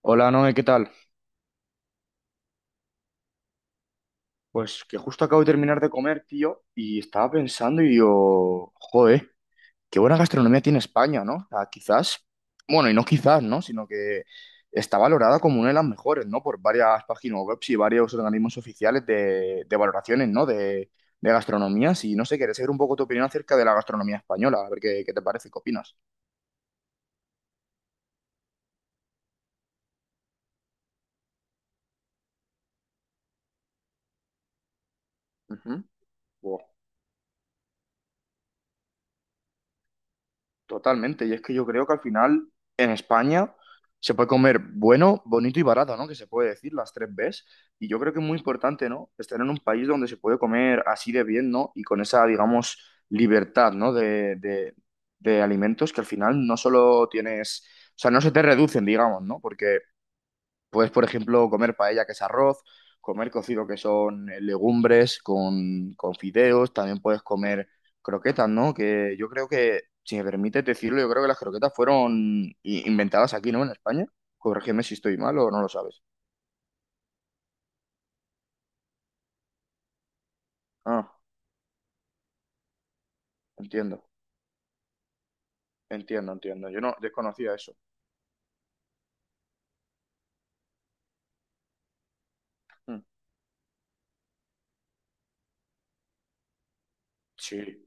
Hola, Noé, ¿qué tal? Pues que justo acabo de terminar de comer, tío, y estaba pensando y digo, joder, qué buena gastronomía tiene España, ¿no? O sea, quizás, bueno, y no quizás, ¿no? Sino que está valorada como una de las mejores, ¿no? Por varias páginas web y varios organismos oficiales de, valoraciones, ¿no? De gastronomías y no sé, quería saber un poco tu opinión acerca de la gastronomía española, a ver qué te parece, qué opinas. Ujú. Totalmente, y es que yo creo que al final en España se puede comer bueno, bonito y barato, ¿no? Que se puede decir las tres Bs. Y yo creo que es muy importante, ¿no? Estar en un país donde se puede comer así de bien, ¿no? Y con esa, digamos, libertad, ¿no? De alimentos que al final no solo tienes, o sea, no se te reducen, digamos, ¿no? Porque puedes, por ejemplo, comer paella, que es arroz, comer cocido, que son legumbres con fideos, también puedes comer croquetas, ¿no? Que yo creo que, si me permites decirlo, yo creo que las croquetas fueron inventadas aquí, ¿no? En España. Corrígeme si estoy mal o no lo sabes. Ah, entiendo, entiendo, entiendo. Yo no desconocía eso. Mm. Sí.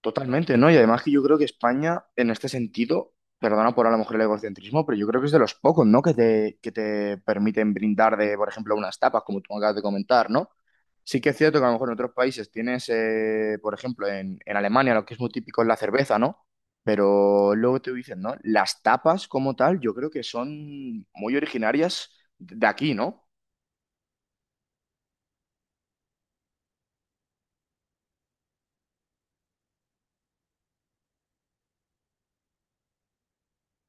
Totalmente, ¿no? Y además que yo creo que España, en este sentido, perdona por a lo mejor el egocentrismo, pero yo creo que es de los pocos, ¿no? Que te permiten brindar de, por ejemplo, unas tapas, como tú acabas de comentar, ¿no? Sí que es cierto que a lo mejor en otros países tienes, por ejemplo, en Alemania lo que es muy típico es la cerveza, ¿no? Pero luego te dicen, ¿no? Las tapas como tal, yo creo que son muy originarias de aquí, ¿no?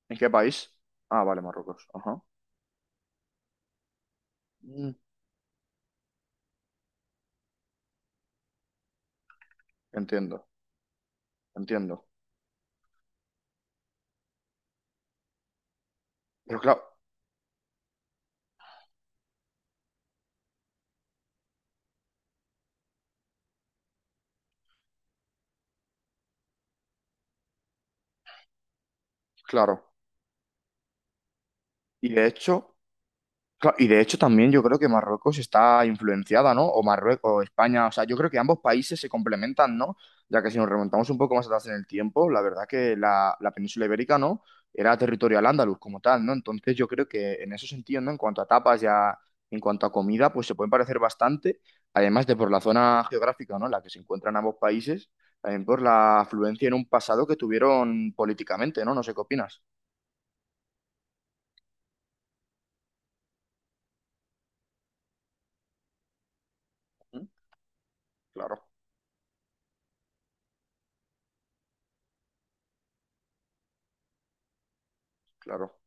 ¿En qué país? Ah, vale, Marruecos. Ajá. Mm, entiendo, entiendo. Pero claro, claro. Y de hecho, y de hecho también yo creo que Marruecos está influenciada, ¿no? O Marruecos, o España, o sea, yo creo que ambos países se complementan, ¿no? Ya que si nos remontamos un poco más atrás en el tiempo, la verdad que la península ibérica, ¿no? Era territorio al andaluz como tal, ¿no? Entonces yo creo que en ese sentido, ¿no? En cuanto a tapas ya, en cuanto a comida, pues se pueden parecer bastante, además de por la zona geográfica, ¿no? En la que se encuentran ambos países, también por la afluencia en un pasado que tuvieron políticamente, ¿no? No sé qué opinas. ¿Mm? Claro, claro.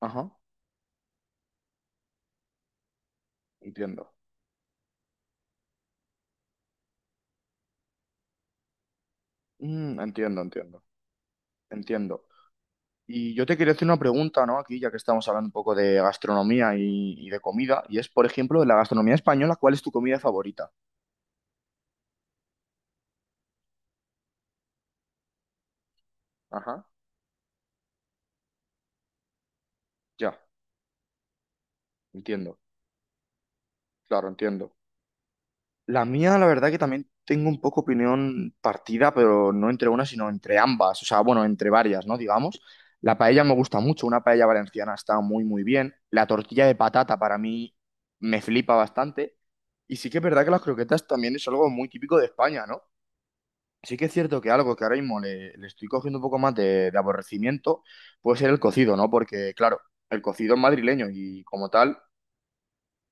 Ajá. Entiendo. Mm, entiendo, entiendo, entiendo. Y yo te quería hacer una pregunta, ¿no? Aquí, ya que estamos hablando un poco de gastronomía y de comida, y es, por ejemplo, de la gastronomía española, ¿cuál es tu comida favorita? Ajá, ya, entiendo, claro, entiendo. La mía, la verdad que también tengo un poco opinión partida, pero no entre una, sino entre ambas, o sea, bueno, entre varias, ¿no? Digamos. La paella me gusta mucho, una paella valenciana está muy, muy bien. La tortilla de patata para mí me flipa bastante. Y sí que es verdad que las croquetas también es algo muy típico de España, ¿no? Sí que es cierto que algo que ahora mismo le, estoy cogiendo un poco más de aborrecimiento puede ser el cocido, ¿no? Porque, claro, el cocido es madrileño y como tal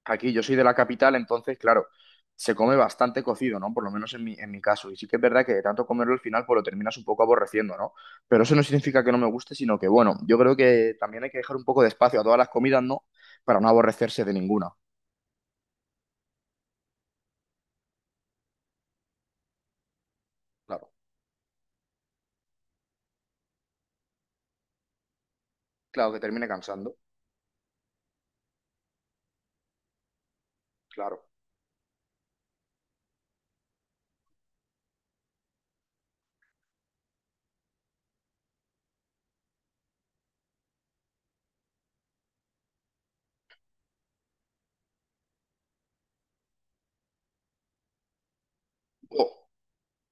aquí yo soy de la capital, entonces, claro, se come bastante cocido, ¿no? Por lo menos en mi caso. Y sí que es verdad que de tanto comerlo al final, pues lo terminas un poco aborreciendo, ¿no? Pero eso no significa que no me guste, sino que, bueno, yo creo que también hay que dejar un poco de espacio a todas las comidas, ¿no? Para no aborrecerse de ninguna. Claro, claro, que termine cansando, claro. O,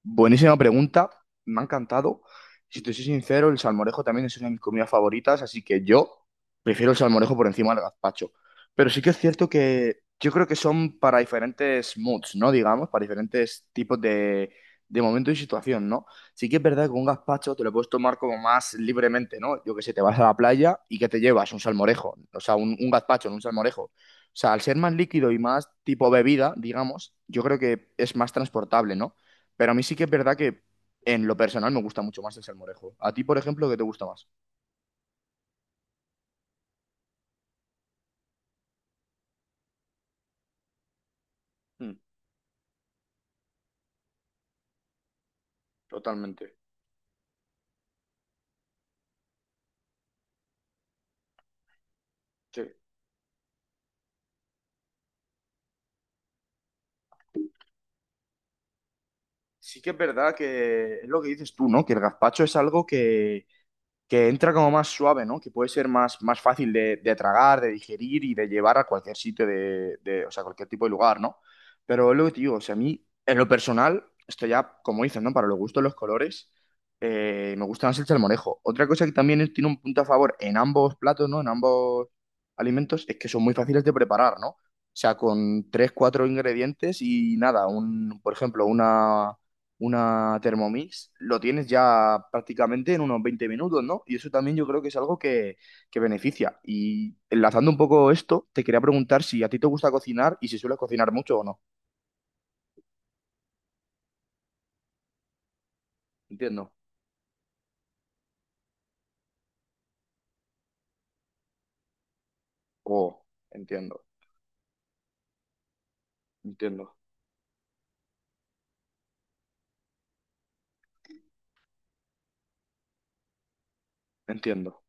Buenísima pregunta, me ha encantado. Si te soy sincero, el salmorejo también es una de mis comidas favoritas, así que yo prefiero el salmorejo por encima del gazpacho. Pero sí que es cierto que yo creo que son para diferentes moods, ¿no? Digamos, para diferentes tipos de momento y situación, ¿no? Sí que es verdad que un gazpacho te lo puedes tomar como más libremente, ¿no? Yo que sé, te vas a la playa y que te llevas un salmorejo, o sea, un, gazpacho, no un salmorejo. O sea, al ser más líquido y más tipo bebida, digamos, yo creo que es más transportable, ¿no? Pero a mí sí que es verdad que en lo personal me gusta mucho más el salmorejo. A ti, por ejemplo, ¿qué te gusta más? Mm, totalmente. Sí. Sí que es verdad que es lo que dices tú, ¿no? Que el gazpacho es algo que entra como más suave, ¿no? Que puede ser más, fácil de tragar, de digerir y de llevar a cualquier sitio o sea, cualquier tipo de lugar, ¿no? Pero es lo que te digo, o sea, a mí, en lo personal, esto ya, como dicen, ¿no? Para los gustos, los colores, me gusta más el salmorejo. Otra cosa que también es- tiene un punto a favor en ambos platos, ¿no? En ambos alimentos, es que son muy fáciles de preparar, ¿no? O sea, con tres, cuatro ingredientes y nada, un, por ejemplo, una Thermomix, lo tienes ya prácticamente en unos 20 minutos, ¿no? Y eso también yo creo que es algo que beneficia. Y enlazando un poco esto, te quería preguntar si a ti te gusta cocinar y si sueles cocinar mucho o no. Entiendo. Oh, entiendo, entiendo, entiendo.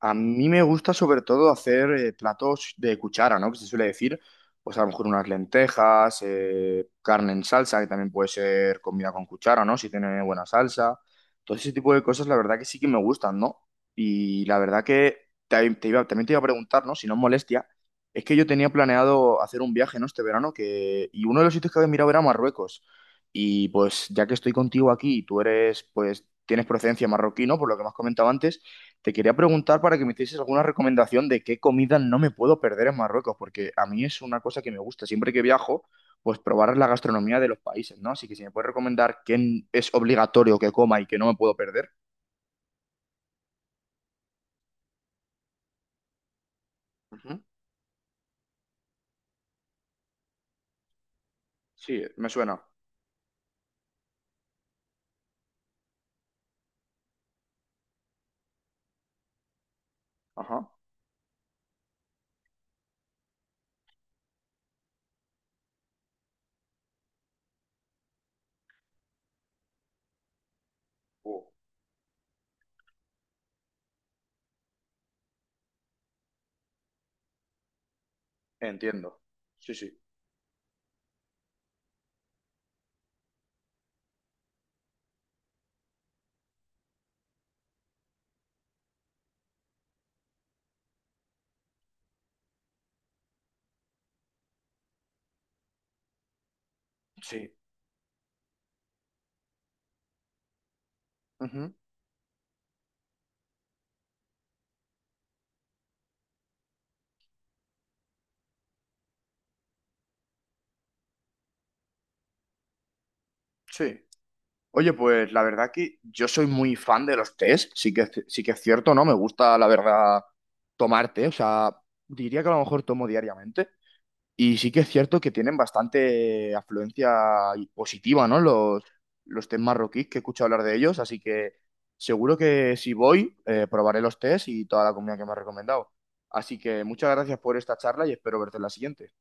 A mí me gusta sobre todo hacer platos de cuchara, ¿no? Que se suele decir, pues a lo mejor unas lentejas, carne en salsa, que también puede ser comida con cuchara, ¿no? Si tiene buena salsa. Todo ese tipo de cosas, la verdad que sí que me gustan, ¿no? Y la verdad que también te iba a preguntar, ¿no? Si no es molestia, es que yo tenía planeado hacer un viaje, ¿no? Este verano, que y uno de los sitios que había mirado era Marruecos. Y pues ya que estoy contigo aquí y tú eres, pues, tienes procedencia marroquí, ¿no? Por lo que me has comentado antes. Te quería preguntar para que me hicieses alguna recomendación de qué comida no me puedo perder en Marruecos, porque a mí es una cosa que me gusta siempre que viajo, pues probar la gastronomía de los países, ¿no? Así que si me puedes recomendar qué es obligatorio que coma y que no me puedo perder. Ujú. Sí, me suena. Ajá. Uh, entiendo. Sí, sí. Sí. Ujú. Sí. Oye, pues la verdad que yo soy muy fan de los tés, sí que es cierto, ¿no? Me gusta, la verdad, tomar té, o sea, diría que a lo mejor tomo diariamente. Y sí que es cierto que tienen bastante afluencia y positiva, ¿no? los, test marroquíes que he escuchado hablar de ellos, así que seguro que si voy, probaré los test y toda la comida que me has recomendado. Así que muchas gracias por esta charla y espero verte en la siguiente.